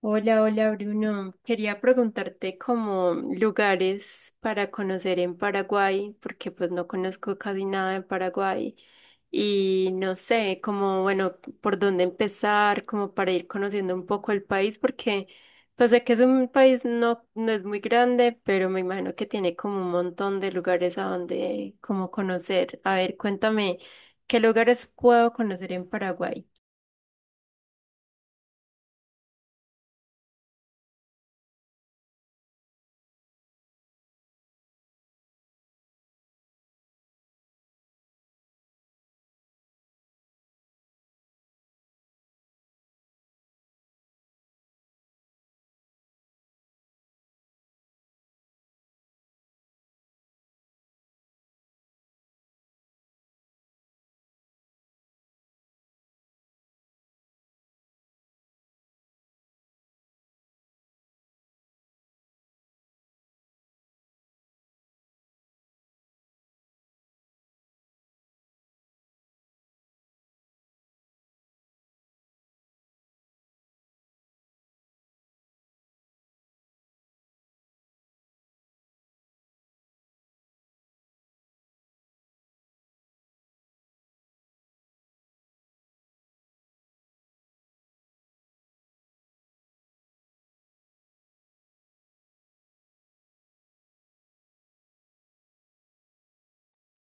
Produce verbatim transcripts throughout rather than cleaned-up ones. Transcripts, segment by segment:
Hola, hola Bruno. Quería preguntarte como lugares para conocer en Paraguay, porque pues no conozco casi nada en Paraguay y no sé como, bueno, por dónde empezar, como para ir conociendo un poco el país, porque pues sé que es un país no, no es muy grande, pero me imagino que tiene como un montón de lugares a donde como conocer. A ver, cuéntame, ¿qué lugares puedo conocer en Paraguay?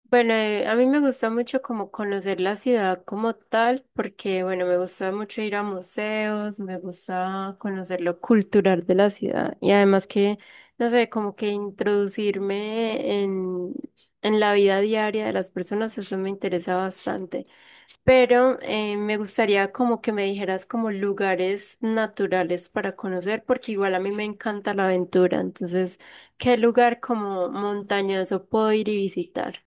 Bueno, eh, a mí me gusta mucho como conocer la ciudad como tal, porque bueno, me gusta mucho ir a museos, me gusta conocer lo cultural de la ciudad y además que, no sé, como que introducirme en, en la vida diaria de las personas, eso me interesa bastante. Pero eh, me gustaría como que me dijeras como lugares naturales para conocer, porque igual a mí me encanta la aventura, entonces, ¿qué lugar como montañoso puedo ir y visitar?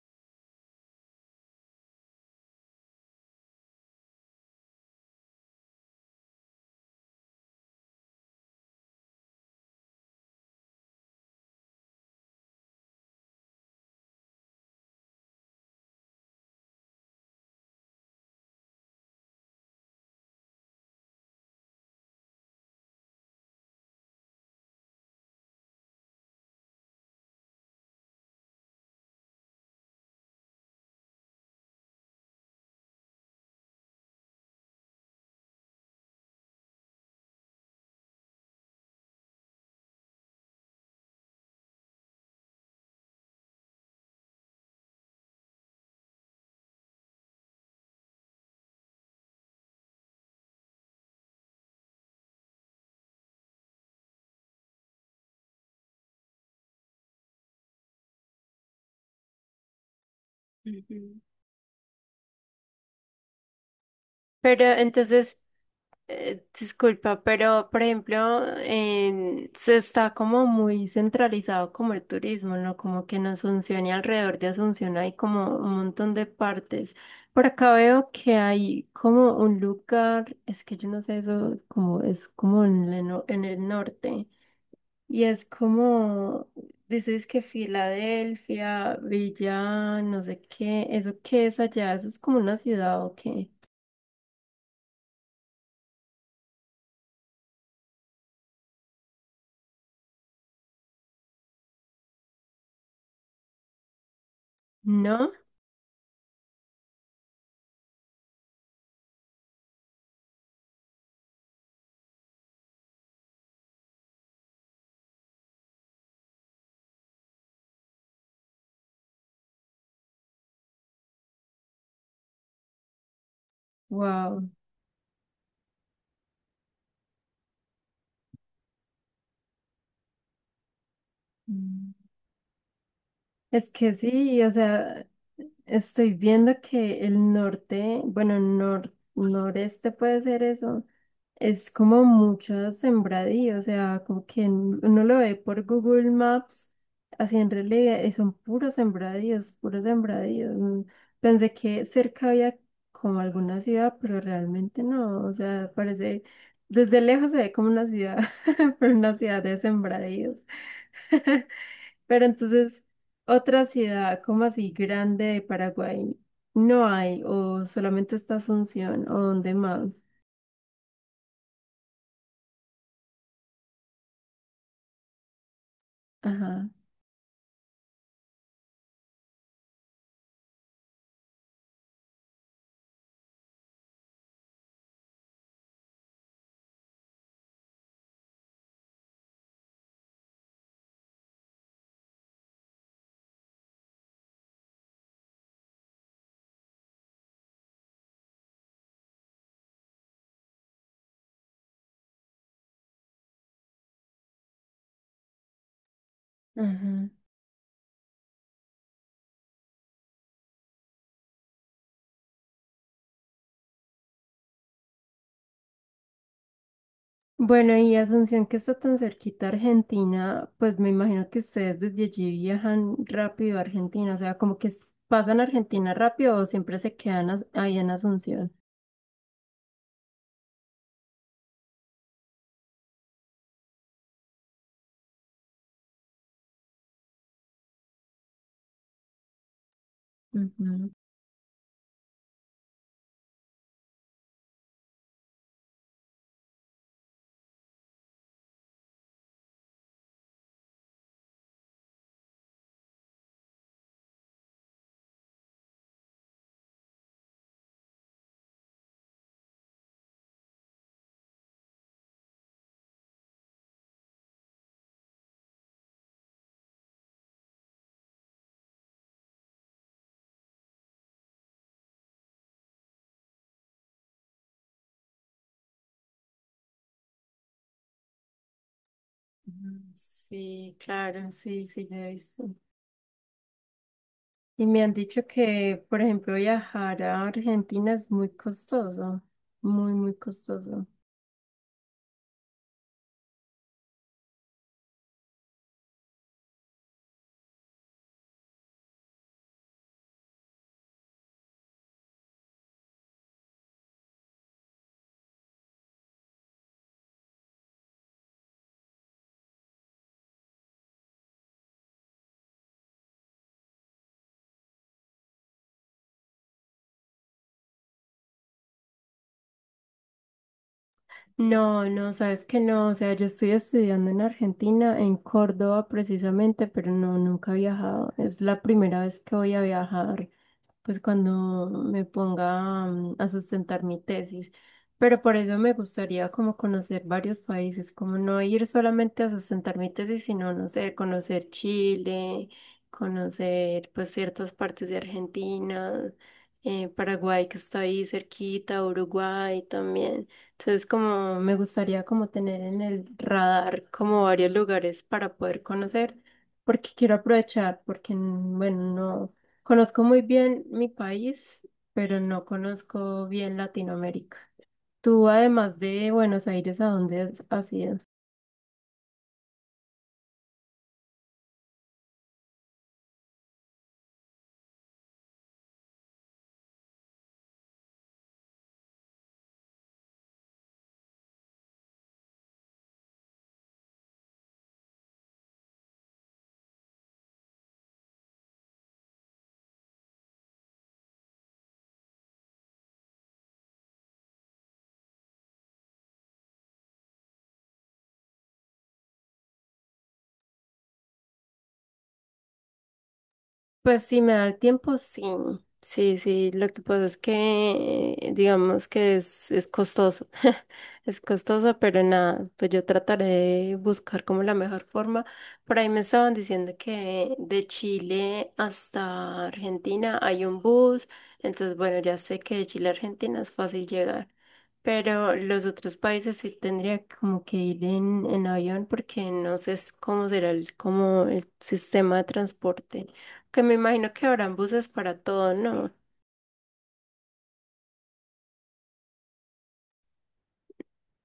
Ujú. Pero entonces, eh, disculpa, pero por ejemplo, en- se está como muy centralizado como el turismo, ¿no? Como que en Asunción y alrededor de Asunción hay como un montón de partes. Por acá veo que hay como un lugar, es que yo no sé eso, como es como en, el no- en el norte. Y es como, dices que Filadelfia, Villa, no sé qué, ¿eso qué es allá? ¿Eso es como una ciudad o qué? ¿No? Wow. Es que sí, o sea, estoy viendo que el norte, bueno, nor- noreste puede ser eso, es como mucho sembradío, o sea, como que en- uno lo ve por Google Maps, así en relieve, y son puros sembradíos, puros sembradíos. mm. Pensé que cerca había como alguna ciudad, pero realmente no, o sea, parece, desde lejos se ve como una ciudad, pero una ciudad de sembradíos. Pero entonces, otra ciudad como así grande de Paraguay no hay, o solamente está Asunción, o dónde más. Ajá, ajá. Bueno, y Asunción que está tan cerquita a Argentina, pues me imagino que ustedes desde allí viajan rápido a Argentina, o sea, como que s- pasan a Argentina rápido o siempre se quedan as- ahí en Asunción. Ujú. Ujú. Sí, claro, sí, sí, ya he visto. Y me han dicho que, por ejemplo, viajar a Argentina es muy costoso, muy, muy costoso. No, no, sabes que no, o sea, yo estoy estudiando en Argentina, en Córdoba precisamente, pero no, nunca he viajado. Es la primera vez que voy a viajar. Pues cuando me ponga mm, a sustentar mi tesis. Pero por eso me gustaría como conocer varios países, como no ir solamente a sustentar mi tesis, sino, no sé, conocer Chile, conocer pues ciertas partes de Argentina, eh, Paraguay que está ahí cerquita, Uruguay también. Entonces como me gustaría como tener en el radar como varios lugares para poder conocer, porque quiero aprovechar, porque mm, bueno, no. Conozco muy bien mi país, pero no conozco bien Latinoamérica. Tú, además de Buenos Aires, ¿a dónde has has ido? Pues si me da el tiempo, sí. Sí, sí, lo que pasa es que eh, digamos que es, es costoso. Es costoso, pero nada, pues yo trataré de buscar como la mejor forma. Por ahí me estaban diciendo que de Chile hasta Argentina hay un bus, entonces bueno, ya sé que de Chile a Argentina es fácil llegar, pero los otros países sí tendría como que ir en, en avión porque no sé s- cómo será el, como el sistema de transporte. Que me imagino que habrán buses para todo, ¿no?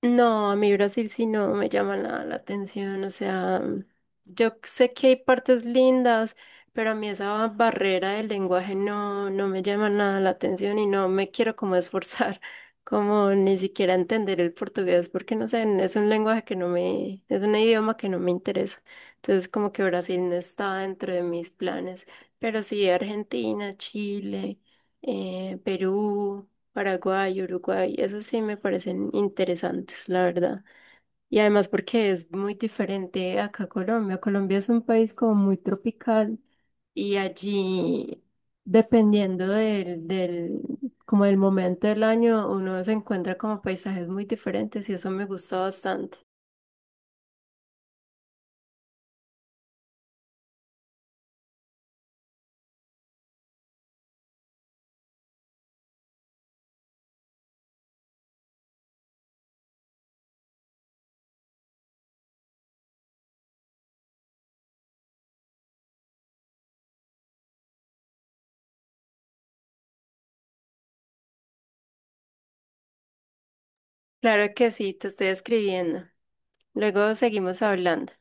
No, a mí Brasil sí no me llama nada la atención, o sea, mm, yo sé que hay partes lindas, pero a mí esa barrera del lenguaje no, no me llama nada la atención y no me quiero como esforzar, como ni siquiera entender el portugués, porque no sé, es un lenguaje que no me, es un idioma que no me interesa, entonces como que Brasil no está dentro de mis planes, pero sí Argentina, Chile, eh, Perú. Paraguay, Uruguay, esos sí me parecen interesantes, la verdad. Y además porque es muy diferente acá a Colombia. Colombia es un país como muy tropical y allí, dependiendo del, del, como del momento del año, uno se encuentra como paisajes muy diferentes y eso me gustó bastante. Claro que sí, te estoy escribiendo. Luego seguimos hablando.